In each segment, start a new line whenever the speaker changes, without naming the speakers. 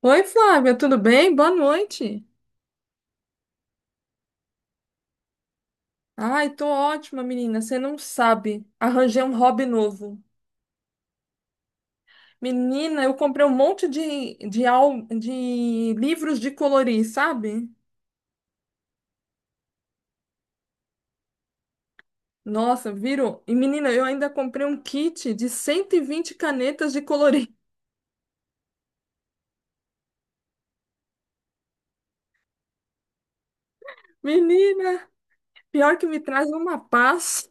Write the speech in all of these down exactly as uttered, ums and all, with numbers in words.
Oi, Flávia, tudo bem? Boa noite. Ai, tô ótima, menina. Você não sabe. Arranjei um hobby novo. Menina, eu comprei um monte de, de, al- de livros de colorir, sabe? Nossa, virou. E, menina, eu ainda comprei um kit de cento e vinte canetas de colorir. Menina, pior que me traz uma paz.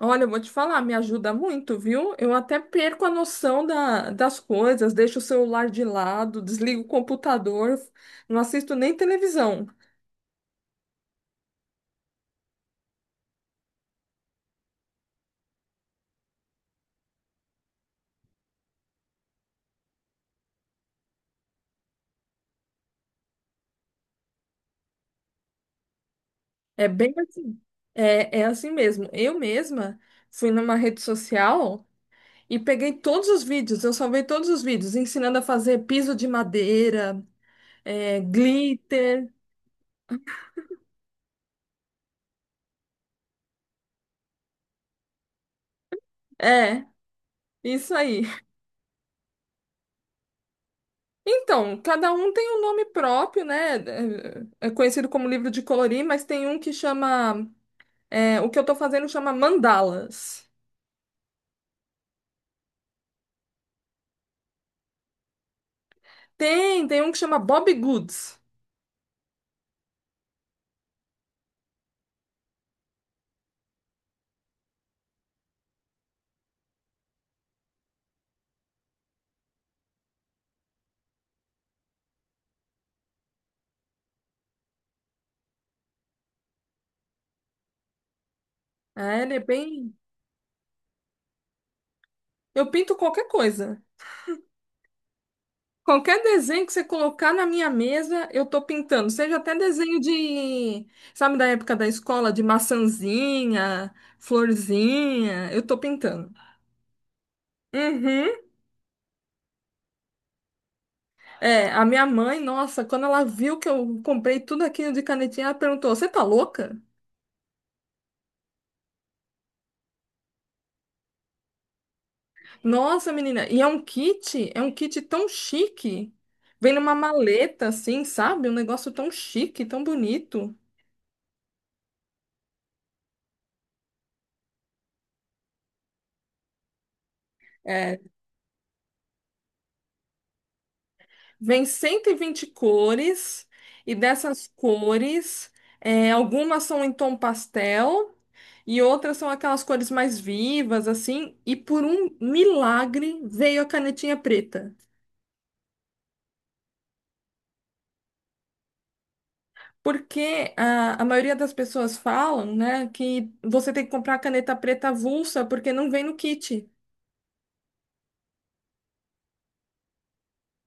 Olha, eu vou te falar, me ajuda muito, viu? Eu até perco a noção da, das coisas, deixo o celular de lado, desligo o computador, não assisto nem televisão. É bem assim. É, é assim mesmo. Eu mesma fui numa rede social e peguei todos os vídeos, eu salvei todos os vídeos, ensinando a fazer piso de madeira, é, glitter. É, isso aí. Então, cada um tem um nome próprio, né? É é conhecido como livro de colorir, mas tem um que chama. É, o que eu tô fazendo chama mandalas. Tem, tem um que chama Bob Goods. É, ele é bem. Eu pinto qualquer coisa. Qualquer desenho que você colocar na minha mesa, eu tô pintando. Seja até desenho de, sabe, da época da escola, de maçãzinha, florzinha, eu tô pintando. Uhum. É, a minha mãe, nossa, quando ela viu que eu comprei tudo aquilo de canetinha, ela perguntou: Você tá louca? Nossa, menina, e é um kit, é um kit tão chique. Vem numa maleta assim, sabe? Um negócio tão chique, tão bonito. É, vem cento e vinte cores, e dessas cores, é, algumas são em tom pastel e outras são aquelas cores mais vivas, assim. E por um milagre veio a canetinha preta. Porque a, a maioria das pessoas falam, né, que você tem que comprar a caneta preta avulsa porque não vem no kit.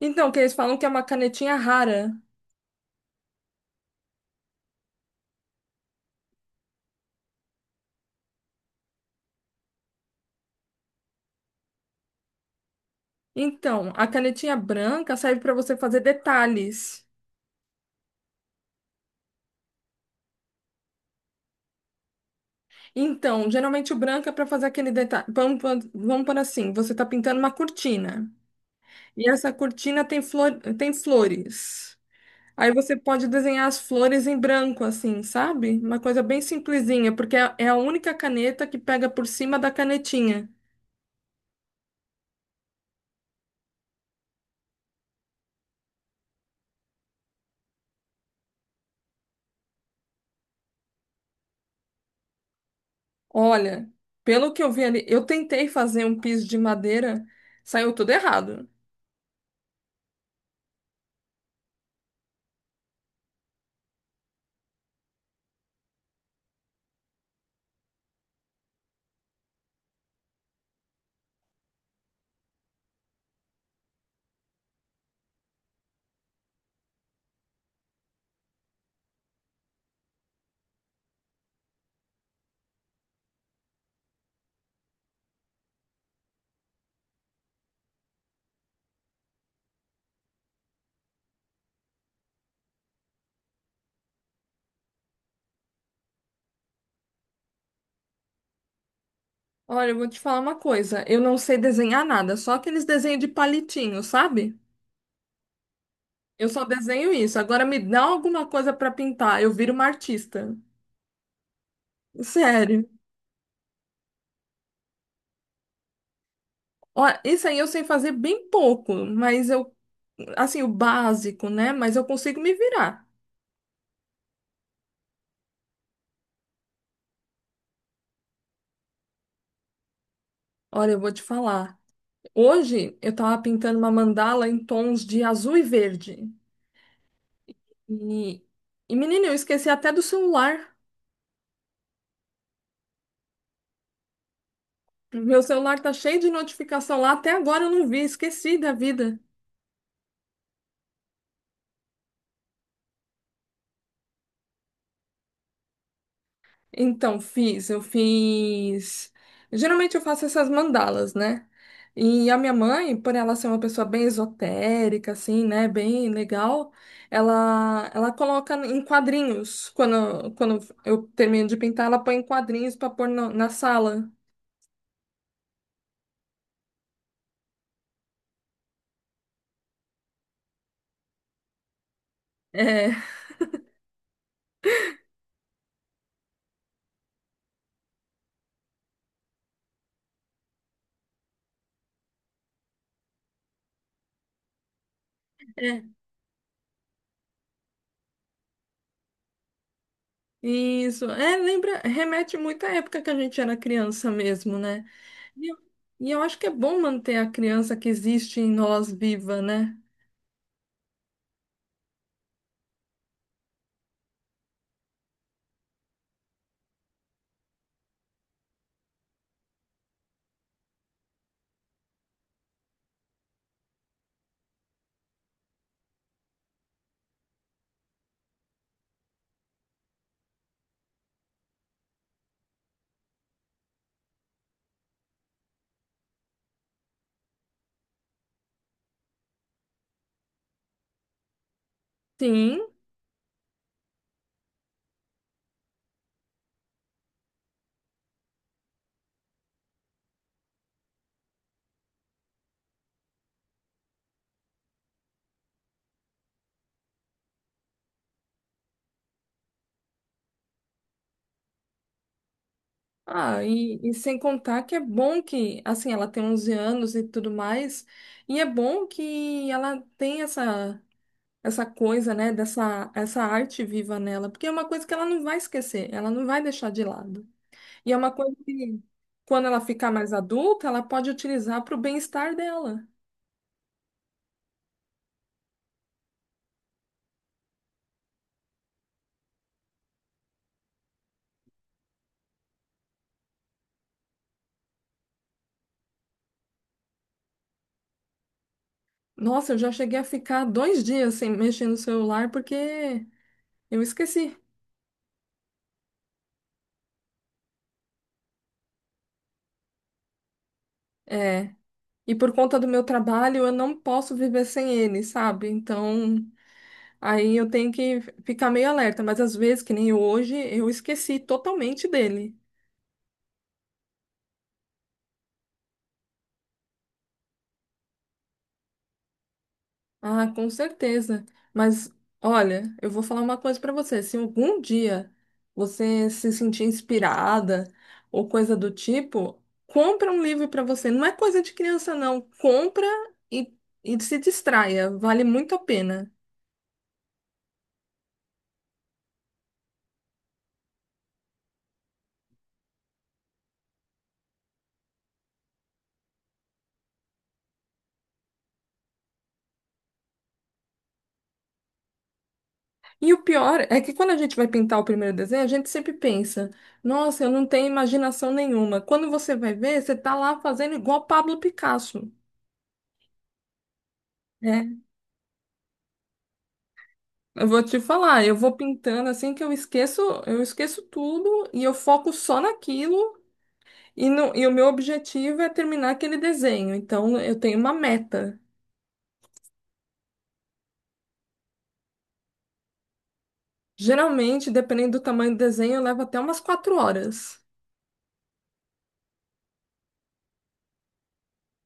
Então, que eles falam que é uma canetinha rara. Então, a canetinha branca serve para você fazer detalhes. Então, geralmente o branco é para fazer aquele detalhe. Vamos, vamos, vamos por assim, você está pintando uma cortina. E essa cortina tem flor, tem flores. Aí você pode desenhar as flores em branco, assim, sabe? Uma coisa bem simplesinha, porque é é a única caneta que pega por cima da canetinha. Olha, pelo que eu vi ali, eu tentei fazer um piso de madeira, saiu tudo errado. Olha, eu vou te falar uma coisa. Eu não sei desenhar nada, só aqueles desenhos de palitinho, sabe? Eu só desenho isso. Agora me dá alguma coisa para pintar, eu viro uma artista. Sério. Ó, isso aí eu sei fazer bem pouco, mas eu, assim, o básico, né? Mas eu consigo me virar. Olha, eu vou te falar. Hoje eu tava pintando uma mandala em tons de azul e verde. E, e menina, eu esqueci até do celular. Meu celular tá cheio de notificação lá, até agora eu não vi, esqueci da vida. Então, fiz, eu fiz. Geralmente eu faço essas mandalas, né? E a minha mãe, por ela ser uma pessoa bem esotérica, assim, né? Bem legal, ela, ela coloca em quadrinhos. Quando, quando eu termino de pintar, ela põe em quadrinhos para pôr no- na sala. É, é, isso. É, lembra, remete muito à época que a gente era criança mesmo, né? E eu, e eu acho que é bom manter a criança que existe em nós viva, né? Sim. Ah, e, e sem contar que é bom que, assim, ela tem onze anos e tudo mais, e é bom que ela tem essa, essa, coisa, né, dessa essa arte viva nela, porque é uma coisa que ela não vai esquecer, ela não vai deixar de lado. E é uma coisa que, quando ela ficar mais adulta, ela pode utilizar para o bem-estar dela. Nossa, eu já cheguei a ficar dois dias sem mexer no celular porque eu esqueci. É. E por conta do meu trabalho, eu não posso viver sem ele, sabe? Então. Aí eu tenho que ficar meio alerta, mas às vezes, que nem hoje, eu esqueci totalmente dele. Ah, com certeza. Mas olha, eu vou falar uma coisa para você. Se algum dia você se sentir inspirada ou coisa do tipo, compra um livro para você. Não é coisa de criança, não. Compra e, e se distraia. Vale muito a pena. E o pior é que quando a gente vai pintar o primeiro desenho, a gente sempre pensa, nossa, eu não tenho imaginação nenhuma. Quando você vai ver, você tá lá fazendo igual Pablo Picasso. Né? Eu vou te falar, eu vou pintando assim que eu esqueço, eu esqueço tudo e eu foco só naquilo e, no, e o meu objetivo é terminar aquele desenho. Então eu tenho uma meta. Geralmente, dependendo do tamanho do desenho, eu levo até umas quatro horas.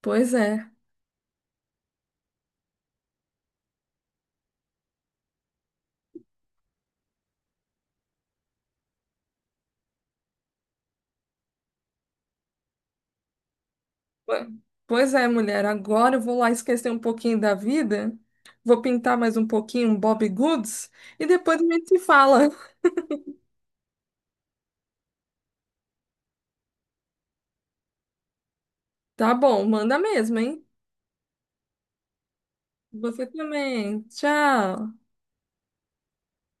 Pois é. Pois é, mulher, agora eu vou lá esquecer um pouquinho da vida, vou pintar mais um pouquinho um Bob Goods e depois a gente se fala. Tá bom, manda mesmo, hein? Você também. Tchau.